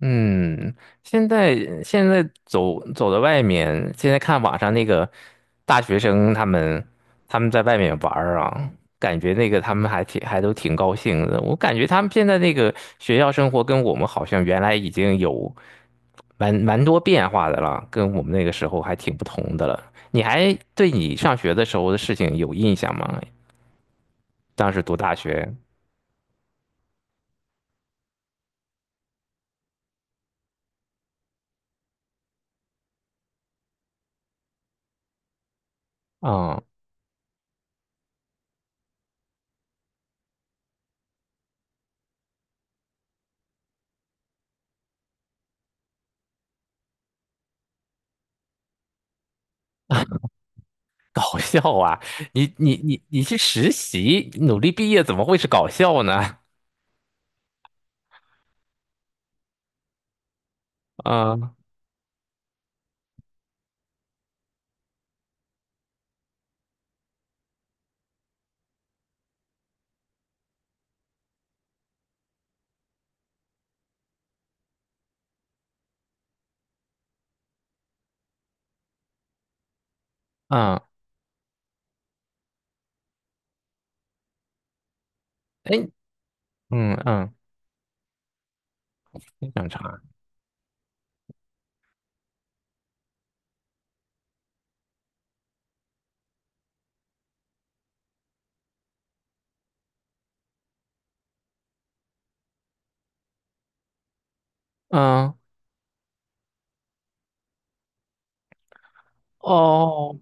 嗯，现在现在走到外面，现在看网上那个大学生他们在外面玩儿啊，感觉那个他们还都挺高兴的。我感觉他们现在那个学校生活跟我们好像原来已经有蛮多变化的了，跟我们那个时候还挺不同的了。你还对你上学的时候的事情有印象吗？当时读大学，嗯，搞笑啊！你去实习，努力毕业，怎么会是搞笑呢？嗯嗯，哎，嗯嗯，你想啥？嗯，哦，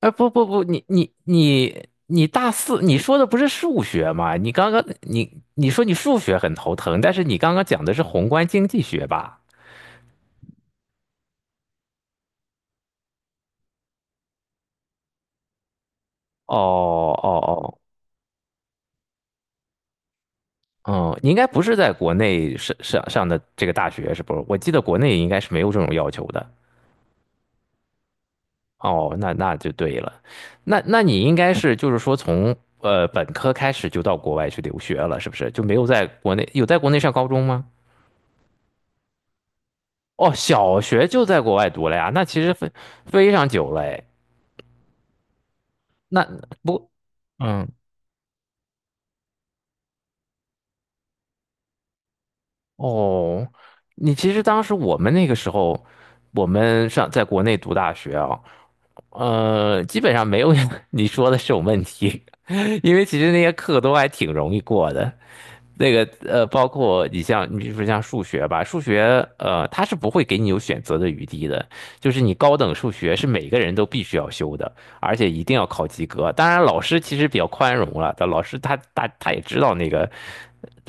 哎，不不不，你大四，你说的不是数学吗？你刚刚你说你数学很头疼，但是你刚刚讲的是宏观经济学吧？哦哦哦，嗯，你应该不是在国内上的这个大学是不是？我记得国内应该是没有这种要求的。哦，那就对了，那你应该是就是说从本科开始就到国外去留学了，是不是？就没有在国内上高中吗？哦，小学就在国外读了呀，那其实非常久了哎。那不，嗯，哦，你其实当时我们那个时候，我们上在国内读大学啊，基本上没有 你说的这种问题，因为其实那些课都还挺容易过的。那个包括你比如说像数学吧，数学它是不会给你有选择的余地的，就是你高等数学是每个人都必须要修的，而且一定要考及格。当然，老师其实比较宽容了，但老师他也知道那个，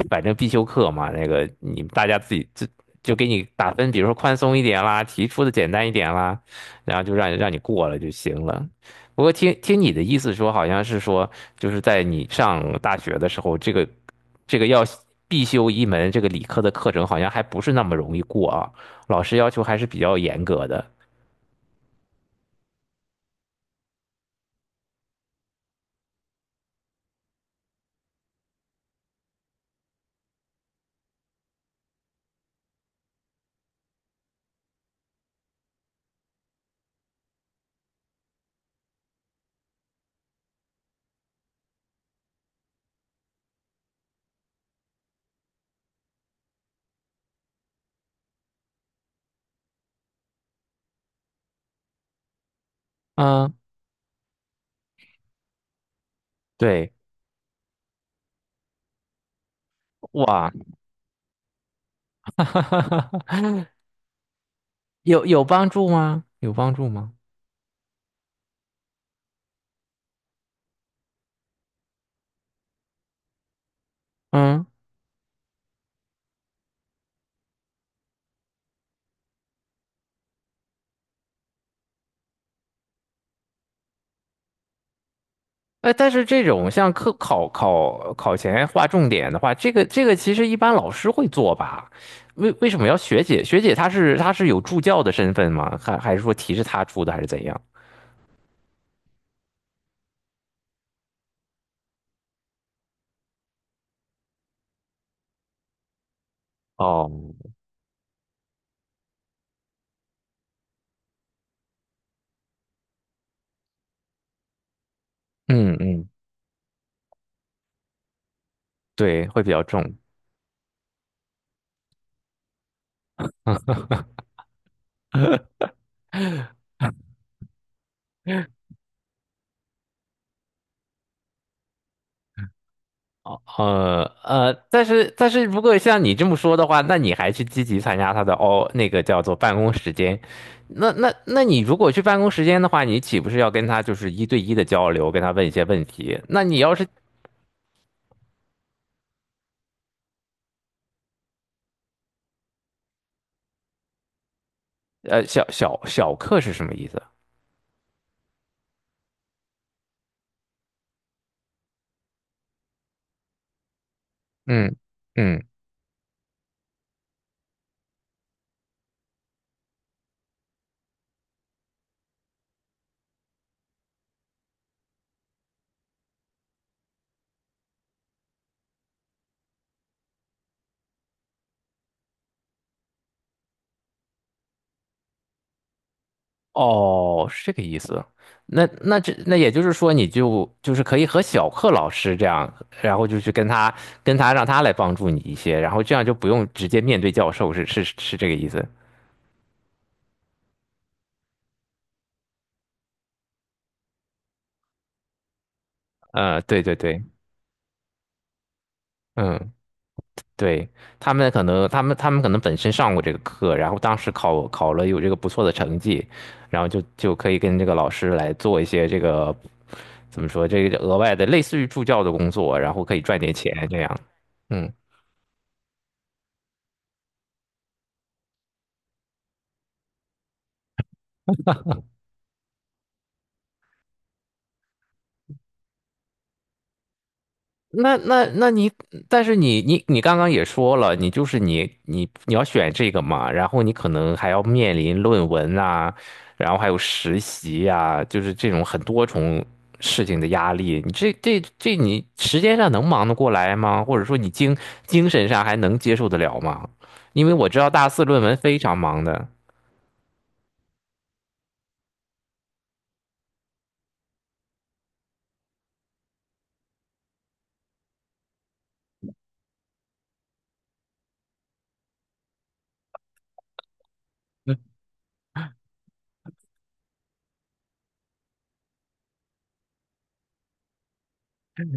反正必修课嘛，那个你大家自己就给你打分，比如说宽松一点啦，题出的简单一点啦，然后就让你过了就行了。不过听听你的意思说，好像是说，就是在你上大学的时候，这个要必修一门这个理科的课程，好像还不是那么容易过啊，老师要求还是比较严格的。嗯，对，哇，有帮助吗？有帮助吗？嗯。但是这种像课考考考前划重点的话，这个其实一般老师会做吧？为什么要学姐？学姐她是有助教的身份吗？还是说题是她出的，还是怎样？哦，嗯嗯，对，会比较重。哦，但是如果像你这么说的话，那你还去积极参加他的，哦，那个叫做办公时间，那你如果去办公时间的话，你岂不是要跟他就是一对一的交流，跟他问一些问题？那你要是小课是什么意思？嗯嗯，哦，是这个意思。那也就是说，你就是可以和小课老师这样，然后就去跟他让他来帮助你一些，然后这样就不用直接面对教授，是是是这个意思。对对对，嗯，对，他们可能本身上过这个课，然后当时考了有这个不错的成绩，然后就可以跟这个老师来做一些这个怎么说，这个额外的类似于助教的工作，然后可以赚点钱这样。嗯。那你，但是你刚刚也说了，你就是你要选这个嘛，然后你可能还要面临论文啊，然后还有实习啊，就是这种很多重事情的压力，你这这这你时间上能忙得过来吗？或者说你精神上还能接受得了吗？因为我知道大四论文非常忙的，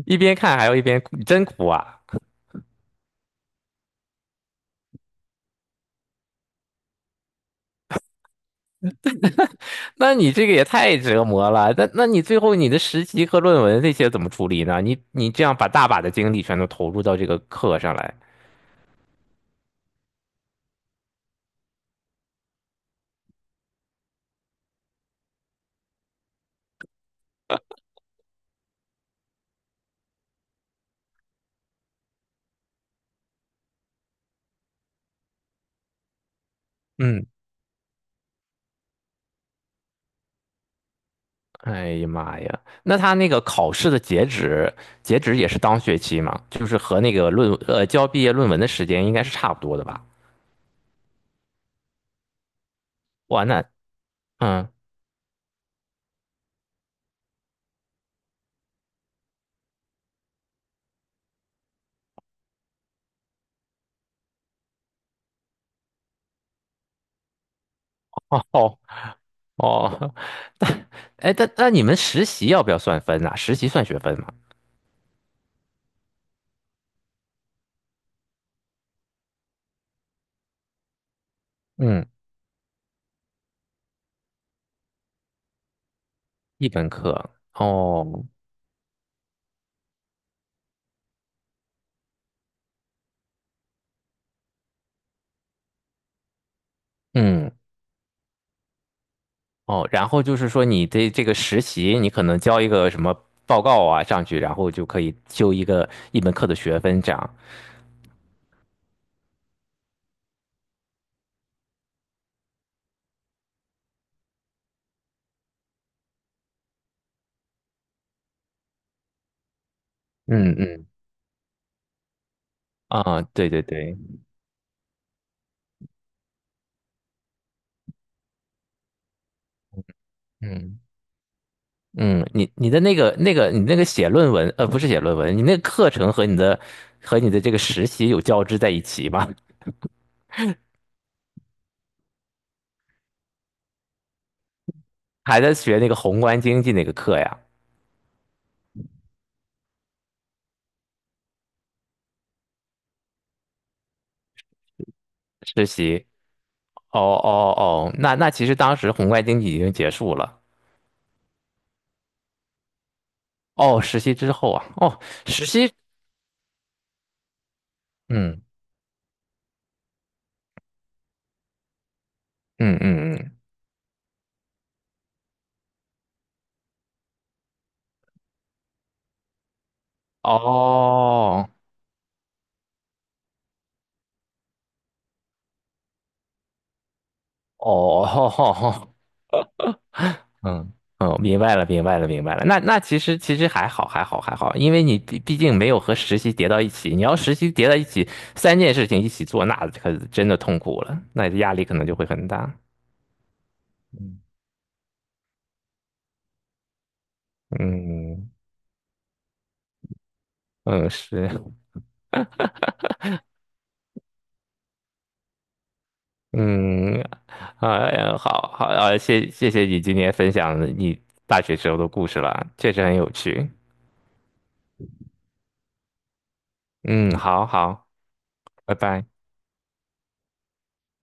一边看还要一边哭，真苦啊！那你这个也太折磨了。那你最后你的实习和论文这些怎么处理呢？你这样把大把的精力全都投入到这个课上来，嗯，哎呀妈呀！那他那个考试的截止也是当学期嘛，就是和那个交毕业论文的时间应该是差不多的吧？哇，那，嗯，哦哦，但但那你们实习要不要算分呐、实习算学分吗？嗯，一门课哦，嗯。哦，然后就是说你的这个实习，你可能交一个什么报告啊上去，然后就可以修一门课的学分这样。嗯嗯，啊，对对对，嗯嗯，你你的那个那个你那个写论文，不是写论文，你那个课程和你的这个实习有交织在一起吗？还在学那个宏观经济那个课呀？实习？哦哦哦，那其实当时宏观经济已经结束了。哦，实习之后啊，哦，实习，嗯嗯嗯嗯。哦哦，嗯嗯，明白了，明白了，明白了。那其实还好，还好，还好，因为你毕竟没有和实习叠到一起。你要实习叠到一起，三件事情一起做，那可真的痛苦了，那压力可能就会很大。嗯，嗯嗯，是，嗯，哎呀，好好啊，谢谢你今天分享你大学时候的故事了，确实很有趣。嗯，好好，拜拜。